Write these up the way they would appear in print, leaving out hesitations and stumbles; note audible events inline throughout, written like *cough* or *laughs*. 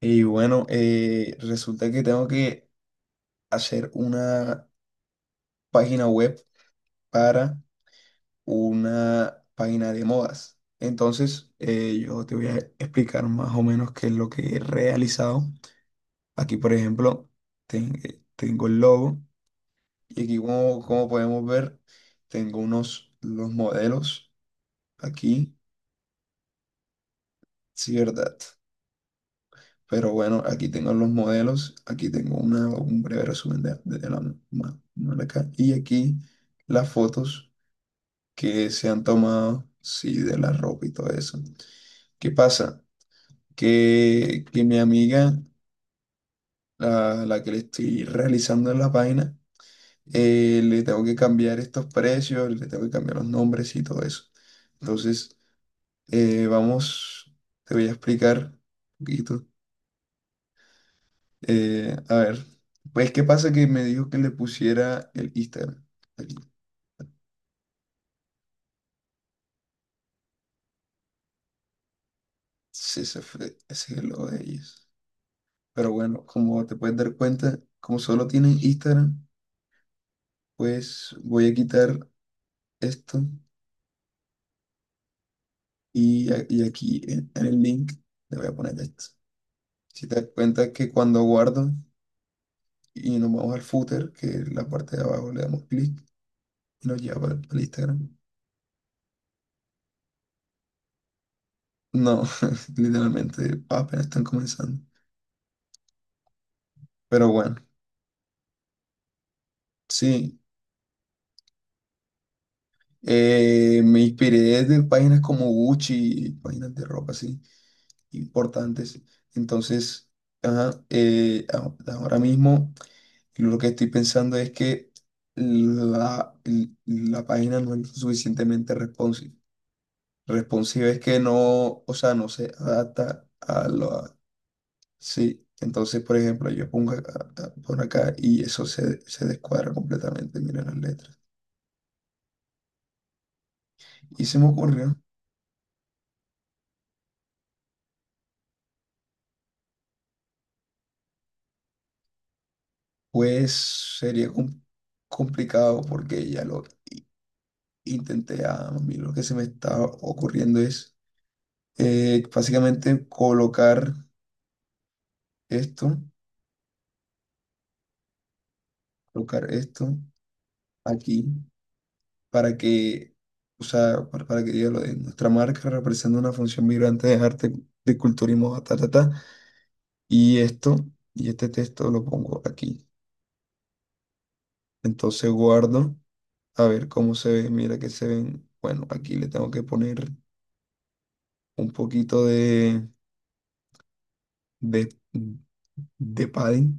Y bueno, resulta que tengo que hacer una página web para una página de modas. Entonces, yo te voy a explicar más o menos qué es lo que he realizado. Aquí, por ejemplo, tengo el logo y aquí, como podemos ver, tengo unos los modelos aquí, sí, ¿verdad? Pero bueno, aquí tengo los modelos, aquí tengo un breve resumen de la marca y aquí las fotos que se han tomado, sí, de la ropa y todo eso. ¿Qué pasa? Que mi amiga, la que le estoy realizando la página, le tengo que cambiar estos precios, le tengo que cambiar los nombres y todo eso. Entonces, vamos, te voy a explicar un poquito. A ver, pues qué pasa que me dijo que le pusiera el Instagram. Aquí. Sí, ese es el logo de ellos. Pero bueno, como te puedes dar cuenta, como solo tienen Instagram, pues voy a quitar esto y, y aquí en el link le voy a poner esto. Si te das cuenta que cuando guardo y nos vamos al footer, que es la parte de abajo, le damos clic y nos lleva al Instagram. No, *laughs* literalmente apenas están comenzando. Pero bueno, sí. Me inspiré de páginas como Gucci, páginas de ropa así, importantes. Entonces, ajá, ahora mismo lo que estoy pensando es que la, la página no es suficientemente responsive. Responsive es que no, o sea, no se adapta a lo. Sí, entonces, por ejemplo, por acá y eso se descuadra completamente, mira las letras. Y se me ocurrió. Pues sería complicado porque ya lo intenté. A mí lo que se me está ocurriendo es básicamente esto, colocar esto aquí para que, o sea, para que diga lo de nuestra marca representa una función vibrante de arte, de culturismo, ta, ta, ta. Y esto, y este texto lo pongo aquí. Entonces guardo, a ver cómo se ve. Mira que se ven. Bueno, aquí le tengo que poner un poquito de, de padding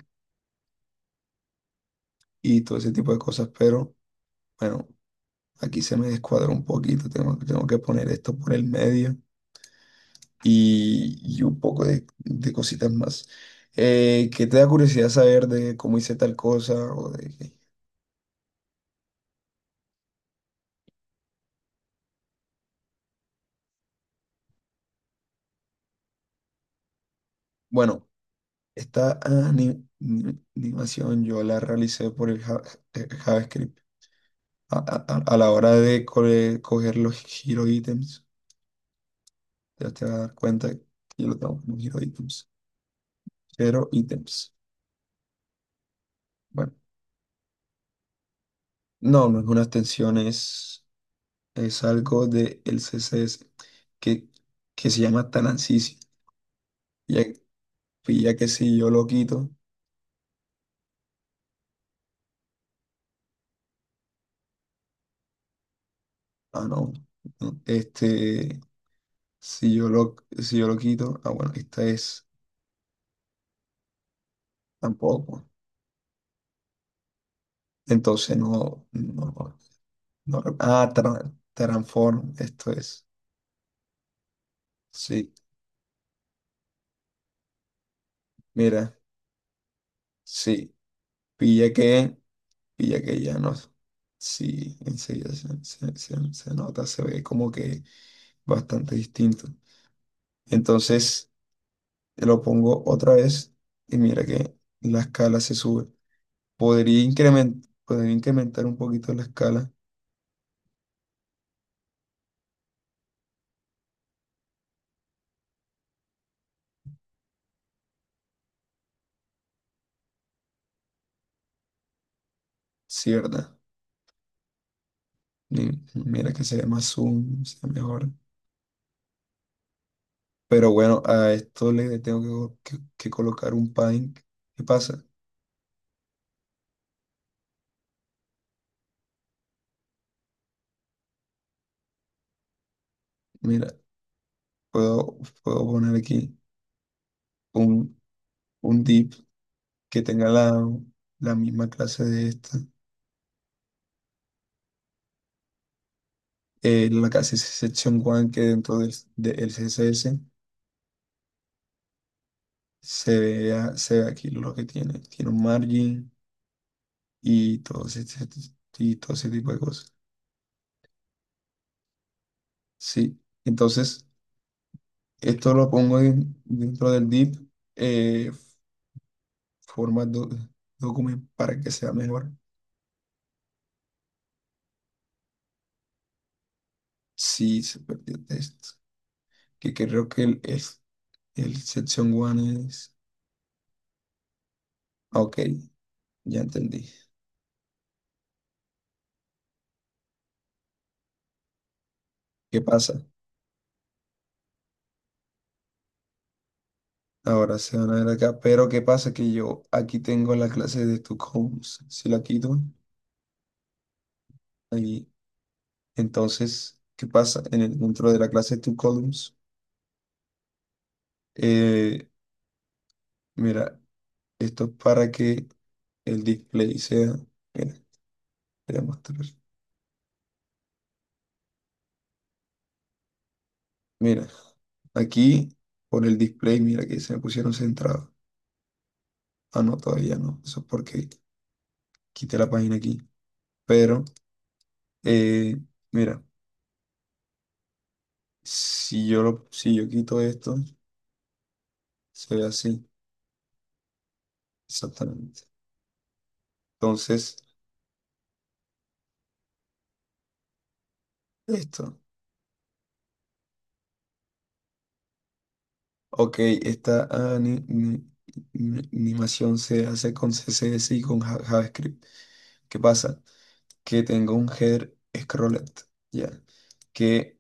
y todo ese tipo de cosas, pero bueno, aquí se me descuadró un poquito, tengo que poner esto por el medio y un poco de cositas más. ¿Qué te da curiosidad saber de cómo hice tal cosa? ¿O de, qué? Bueno, esta animación yo la realicé por el JavaScript. A- a la hora de coger los hero items, ya te vas a dar cuenta que yo lo tengo como hero items, pero items. Bueno, no, no es una extensión, es algo del CCS que, que se llama Tanansisi. Ya, pues ya que si yo lo quito, ah, no, no, este, si yo lo quito, ah, bueno, esta es tampoco. Entonces no, no, no, ah, transform, esto es, sí, mira, sí, pilla que, pilla que ya no, sí, enseguida se nota, se ve como que bastante distinto. Entonces lo pongo otra vez y mira que la escala se sube. Podría incrementar un poquito la escala, ¿cierto? Y mira que se ve más zoom, se ve mejor. Pero bueno, a esto le tengo que colocar un padding. ¿Qué pasa? Mira, puedo poner aquí un, un div que tenga la misma clase de esta, la clase section one que dentro del CSS. Se ve, se ve aquí lo que tiene. Tiene un margin y todo ese, y todo ese tipo de cosas. Sí. Entonces, esto lo pongo dentro del div, eh, forma do- document para que sea mejor. Sí, se perdió el texto. Que creo que el section one es. Ok, ya entendí. ¿Qué pasa? Ahora se van a ver acá. Pero ¿qué pasa? Que yo aquí tengo la clase de Stockholm. Si la quito, ahí. Entonces, ¿qué pasa? Dentro de la clase toColumns, eh, mira, esto es para que el display sea. Mira, te voy a mostrar. Mira, aquí por el display, mira que se me pusieron centrado. Ah, no, todavía no. Eso es porque quité la página aquí. Pero, eh, mira, si yo quito esto, se ve así, exactamente. Entonces, esto. Ok, esta animación se hace con CSS y con JavaScript. ¿Qué pasa? Que tengo un header scrolled, ¿ya? Que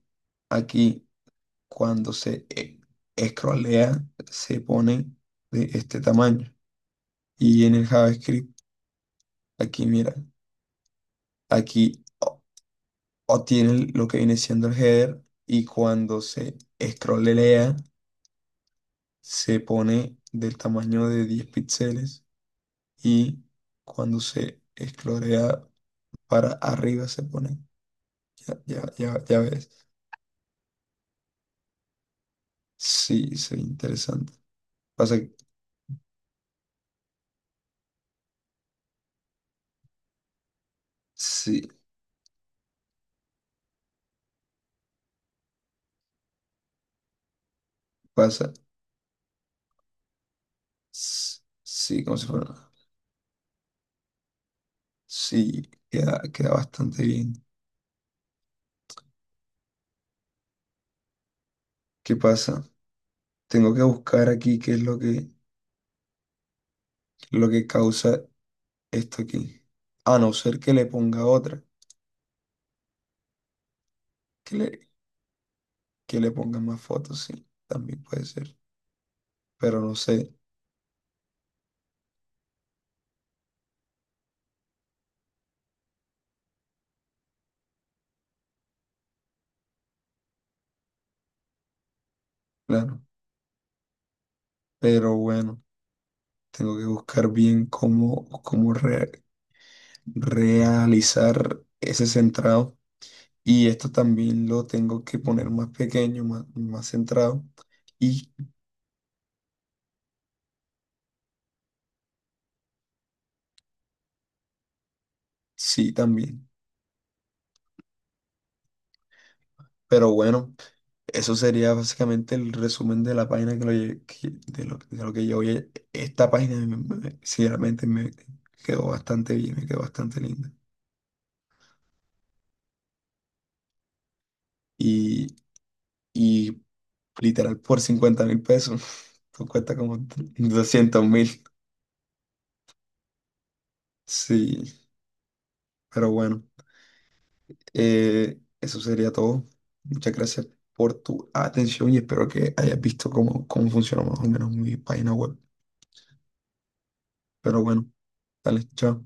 aquí cuando se scrollea se pone de este tamaño. Y en el JavaScript, aquí mira, aquí obtiene lo que viene siendo el header y cuando se scrollea se pone del tamaño de 10 píxeles. Y cuando se esclorea para arriba se pone. Ya, ya, ya, ya ves. Sí, se ve interesante. Pasa, que- sí, pasa. Sí, como si fuera. Sí, queda bastante bien. ¿Qué pasa? Tengo que buscar aquí qué es lo que causa esto aquí. A no ser que le ponga otra. Que le, que le ponga más fotos, sí. También puede ser. Pero no sé, claro. Pero bueno. Tengo que buscar bien cómo realizar ese centrado. Y esto también lo tengo que poner más pequeño, más centrado. Y sí, también. Pero bueno, eso sería básicamente el resumen de la página que lo, lle- que- de lo que yo oye. Esta página, sinceramente, me quedó bastante bien, me quedó bastante linda. Y, y literal, por 50.000 pesos, *laughs* tú cuesta como 200.000. Sí. Pero bueno, eso sería todo. Muchas gracias por tu atención y espero que hayas visto cómo funciona más o menos mi página web. Pero bueno, dale, chao.